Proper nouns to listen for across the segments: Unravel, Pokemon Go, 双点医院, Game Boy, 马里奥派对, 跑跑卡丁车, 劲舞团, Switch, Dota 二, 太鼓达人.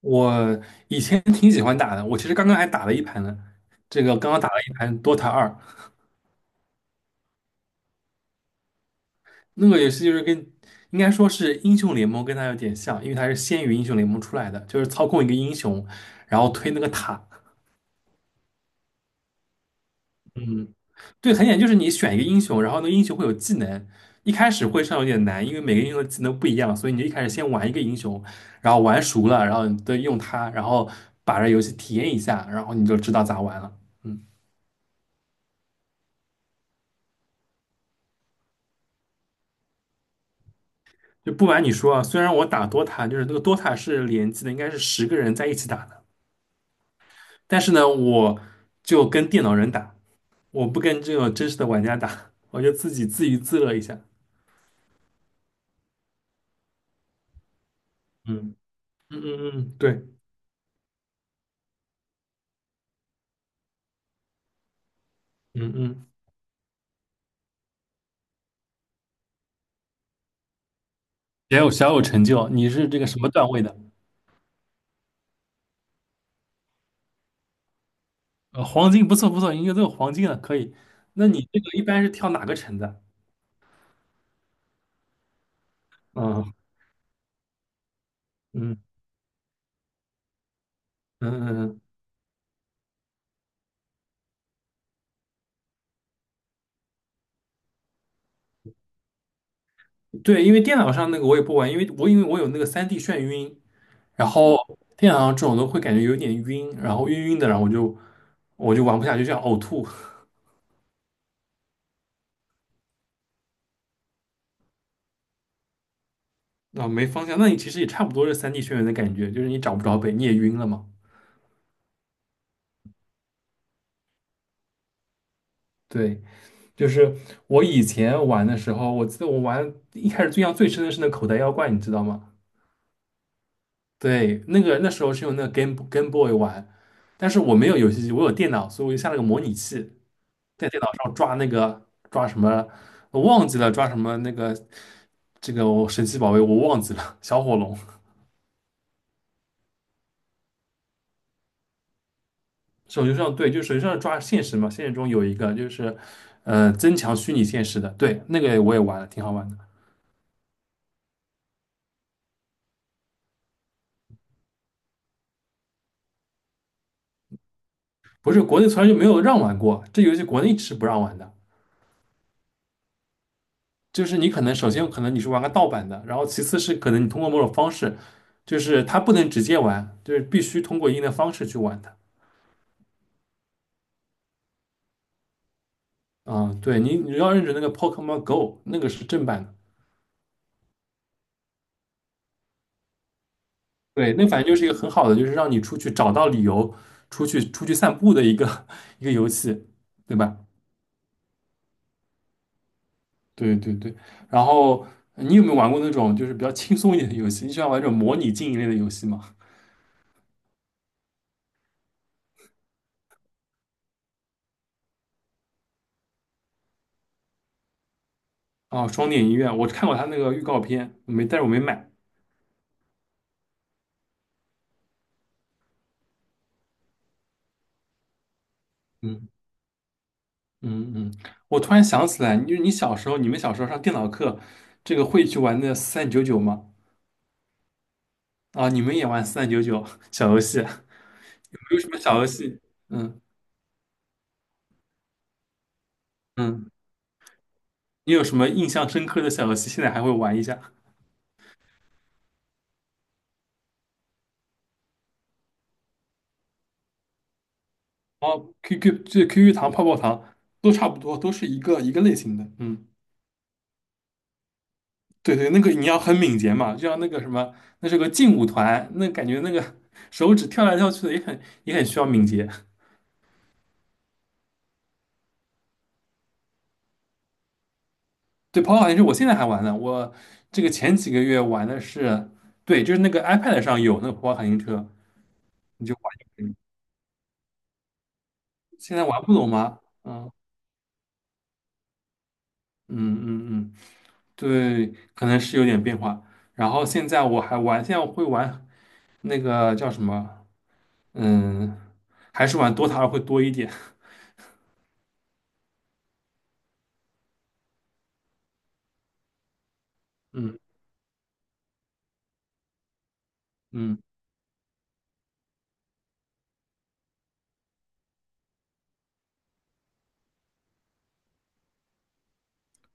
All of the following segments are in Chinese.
我以前挺喜欢打的，我其实刚刚还打了一盘呢。这个刚刚打了一盘《Dota 二》，那个游戏就是跟应该说是英雄联盟跟它有点像，因为它是先于英雄联盟出来的，就是操控一个英雄，然后推那个塔。嗯，对，很简单，就是你选一个英雄，然后那个英雄会有技能，一开始会上有点难，因为每个英雄的技能不一样，所以你就一开始先玩一个英雄，然后玩熟了，然后你再用它，然后把这游戏体验一下，然后你就知道咋玩了。嗯。就不瞒你说啊，虽然我打 DOTA，就是那个 DOTA 是联机的，应该是10个人在一起打的，但是呢，我就跟电脑人打，我不跟这种真实的玩家打，我就自己自娱自乐一下。嗯嗯嗯嗯，对，嗯嗯，也有小有成就。你是这个什么段位的？呃，黄金不错不错，应该都有黄金了，可以。那你这个一般是跳哪个城的？嗯嗯嗯嗯，嗯对，因为电脑上那个我也不玩，因为我有那个三 d 眩晕，然后电脑上这种都会感觉有点晕，然后晕晕的，然后我就玩不下去，就想呕吐，啊，没方向。那你其实也差不多是三 d 眩晕的感觉，就是你找不着北，你也晕了嘛。对，就是我以前玩的时候，我记得我玩一开始印象最深的是那口袋妖怪，你知道吗？对，那个那时候是用那个 Game Boy 玩，但是我没有游戏机，我有电脑，所以我就下了个模拟器。在电脑上抓那个抓什么，我忘记了抓什么那个这个我神奇宝贝我忘记了，小火龙。手机上对，就手机上抓现实嘛，现实中有一个就是，呃，增强虚拟现实的，对，那个我也玩了，挺好玩的。不是国内从来就没有让玩过，这游戏国内是不让玩的。就是你可能首先可能你是玩个盗版的，然后其次是可能你通过某种方式，就是它不能直接玩，就是必须通过一定的方式去玩的。啊、对你要认准那个 Pokemon Go，那个是正版的。对，那反正就是一个很好的，就是让你出去找到理由，出去散步的一个 一个游戏，对吧？对对对。然后你有没有玩过那种就是比较轻松一点的游戏？你喜欢玩这种模拟经营类的游戏吗？哦，双点医院，我看过他那个预告片，没，但是我没买。嗯嗯嗯，我突然想起来，你小时候，你们小时候上电脑课，这个会去玩的四三九九吗？啊，你们也玩四三九九小游戏啊？有没有什么小游戏？嗯嗯。你有什么印象深刻的小游戏？现在还会玩一下？哦，QQ 这 QQ 糖、泡泡糖都差不多，都是一个一个类型的。嗯，对对，那个你要很敏捷嘛，就像那个什么，那是个劲舞团，那感觉那个手指跳来跳去的也很也很需要敏捷。对，跑跑糖也是我现在还玩呢，我这个前几个月玩的是，对，就是那个 iPad 上有那个跑跑卡丁车，你就玩就可以。现在玩不懂吗？嗯嗯嗯嗯对，可能是有点变化。然后现在我还玩，现在我会玩那个叫什么？嗯，还是玩 DOTA 会多一点。嗯嗯，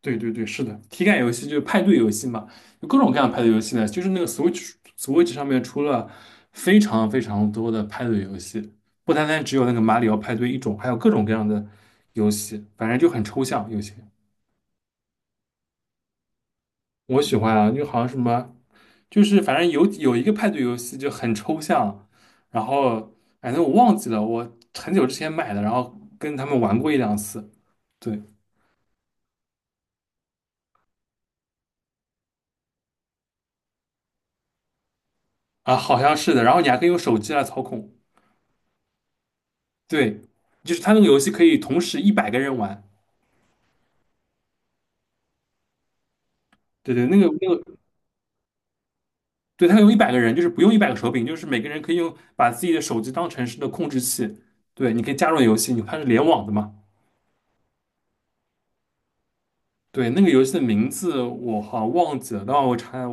对对对，是的，体感游戏就是派对游戏嘛，有各种各样的派对游戏呢。就是那个 Switch 上面出了非常非常多的派对游戏，不单单只有那个马里奥派对一种，还有各种各样的游戏，反正就很抽象有些。我喜欢啊，就好像什么。就是反正有一个派对游戏就很抽象，然后反正我忘记了，我很久之前买的，然后跟他们玩过一两次，对啊，好像是的，然后你还可以用手机来操控，对，就是他那个游戏可以同时一百个人玩，对对，那个对，他有一百个人，就是不用100个手柄，就是每个人可以用把自己的手机当成是的控制器，对，你可以加入游戏，你它是联网的嘛。对，那个游戏的名字我好像忘记了，等会儿我查一下，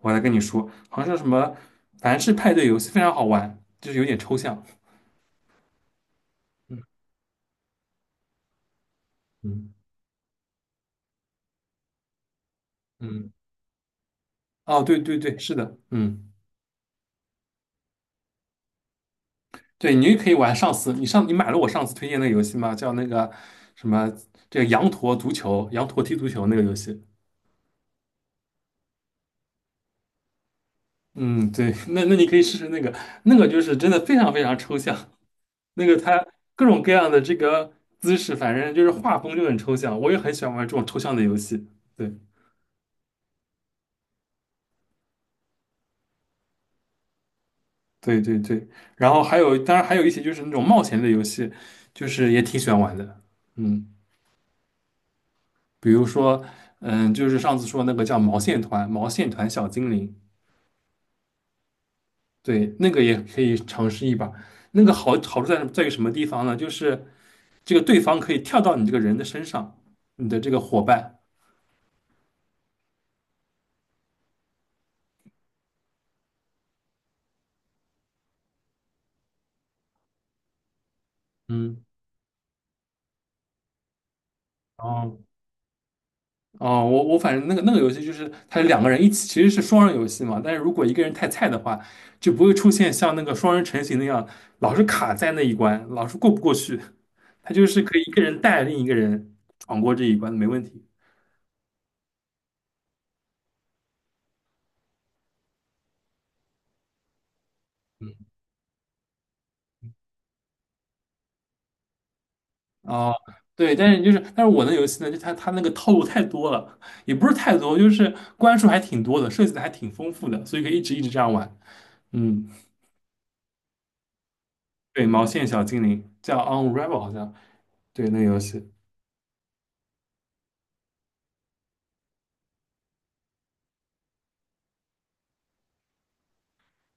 我来跟你说，好像是什么凡是派对游戏，非常好玩，就是有点抽象。嗯嗯，哦，对对对，是的，嗯，对，你也可以玩上次，你买了我上次推荐那个游戏吗？叫那个什么，这个羊驼足球，羊驼踢足球那个游戏。嗯，对，那那你可以试试那个，那个就是真的非常非常抽象，那个它各种各样的这个姿势，反正就是画风就很抽象，我也很喜欢玩这种抽象的游戏。对。对对对，然后还有，当然还有一些就是那种冒险类游戏，就是也挺喜欢玩的。嗯，比如说，嗯，就是上次说那个叫毛线团，毛线团小精灵，对，那个也可以尝试一把。那个好处在于什么地方呢？就是这个对方可以跳到你这个人的身上，你的这个伙伴，嗯，然后。哦，我反正那个游戏就是它是两个人一起，其实是双人游戏嘛。但是如果一个人太菜的话，就不会出现像那个双人成型那样，老是卡在那一关，老是过不过去。它就是可以一个人带另一个人闯过这一关，没问题。哦，对，但是就是，但是我的游戏呢，就它那个套路太多了，也不是太多，就是关数还挺多的，设计的还挺丰富的，所以可以一直一直这样玩。嗯，对，毛线小精灵叫 Unravel 好像，对，那个游戏。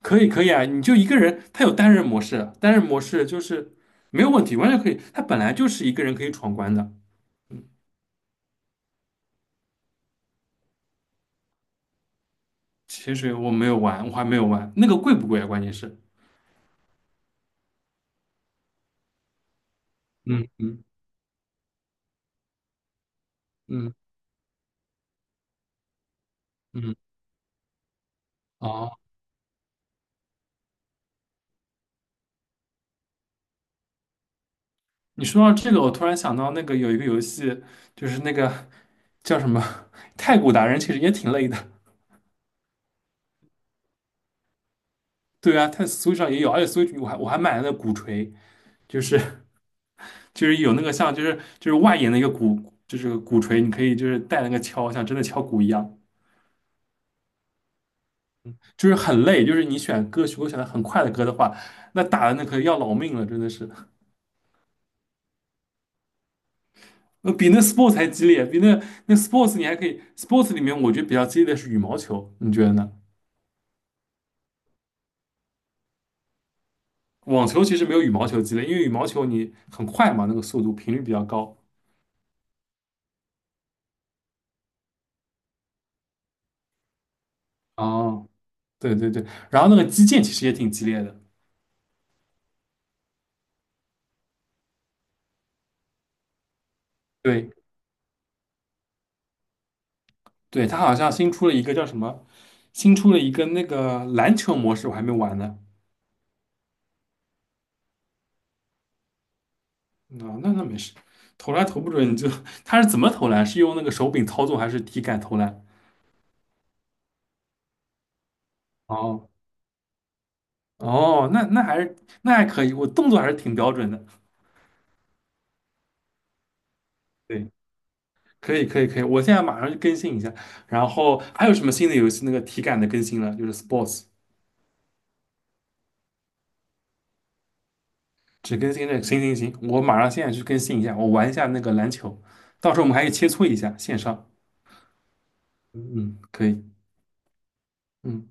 可以可以啊，你就一个人，他有单人模式，单人模式就是没有问题，完全可以。他本来就是一个人可以闯关的。潜水我没有玩，我还没有玩，那个贵不贵啊？关键是，嗯嗯嗯嗯，哦，你说到这个，我突然想到那个有一个游戏，就是那个叫什么《太鼓达人》，其实也挺累的。对啊，它 Switch 上也有，而且 Switch 我还买了那鼓槌，就是就是有那个像就是外延的一个鼓，就是鼓槌，你可以就是带那个敲，像真的敲鼓一样。就是很累，就是你选歌曲，如果选的很快的歌的话，那打的那可要老命了，真的是，呃，比那 sports 还激烈，比那 sports 你还可以，sports 里面我觉得比较激烈的是羽毛球，你觉得呢？网球其实没有羽毛球激烈，因为羽毛球你很快嘛，那个速度频率比较高。哦，对对对，然后那个击剑其实也挺激烈的，对对，它好像新出了一个叫什么，新出了一个那个篮球模式，我还没玩呢。那没事，投篮投不准你就 他是怎么投篮？是用那个手柄操纵还是体感投篮？哦哦，那还可以，我动作还是挺标准的。对，可以可以可以，我现在马上就更新一下。然后还有什么新的游戏那个体感的更新了？就是 Sports 只更新这个。行行行，我马上现在去更新一下，我玩一下那个篮球，到时候我们还可以切磋一下线上。嗯，可以，嗯。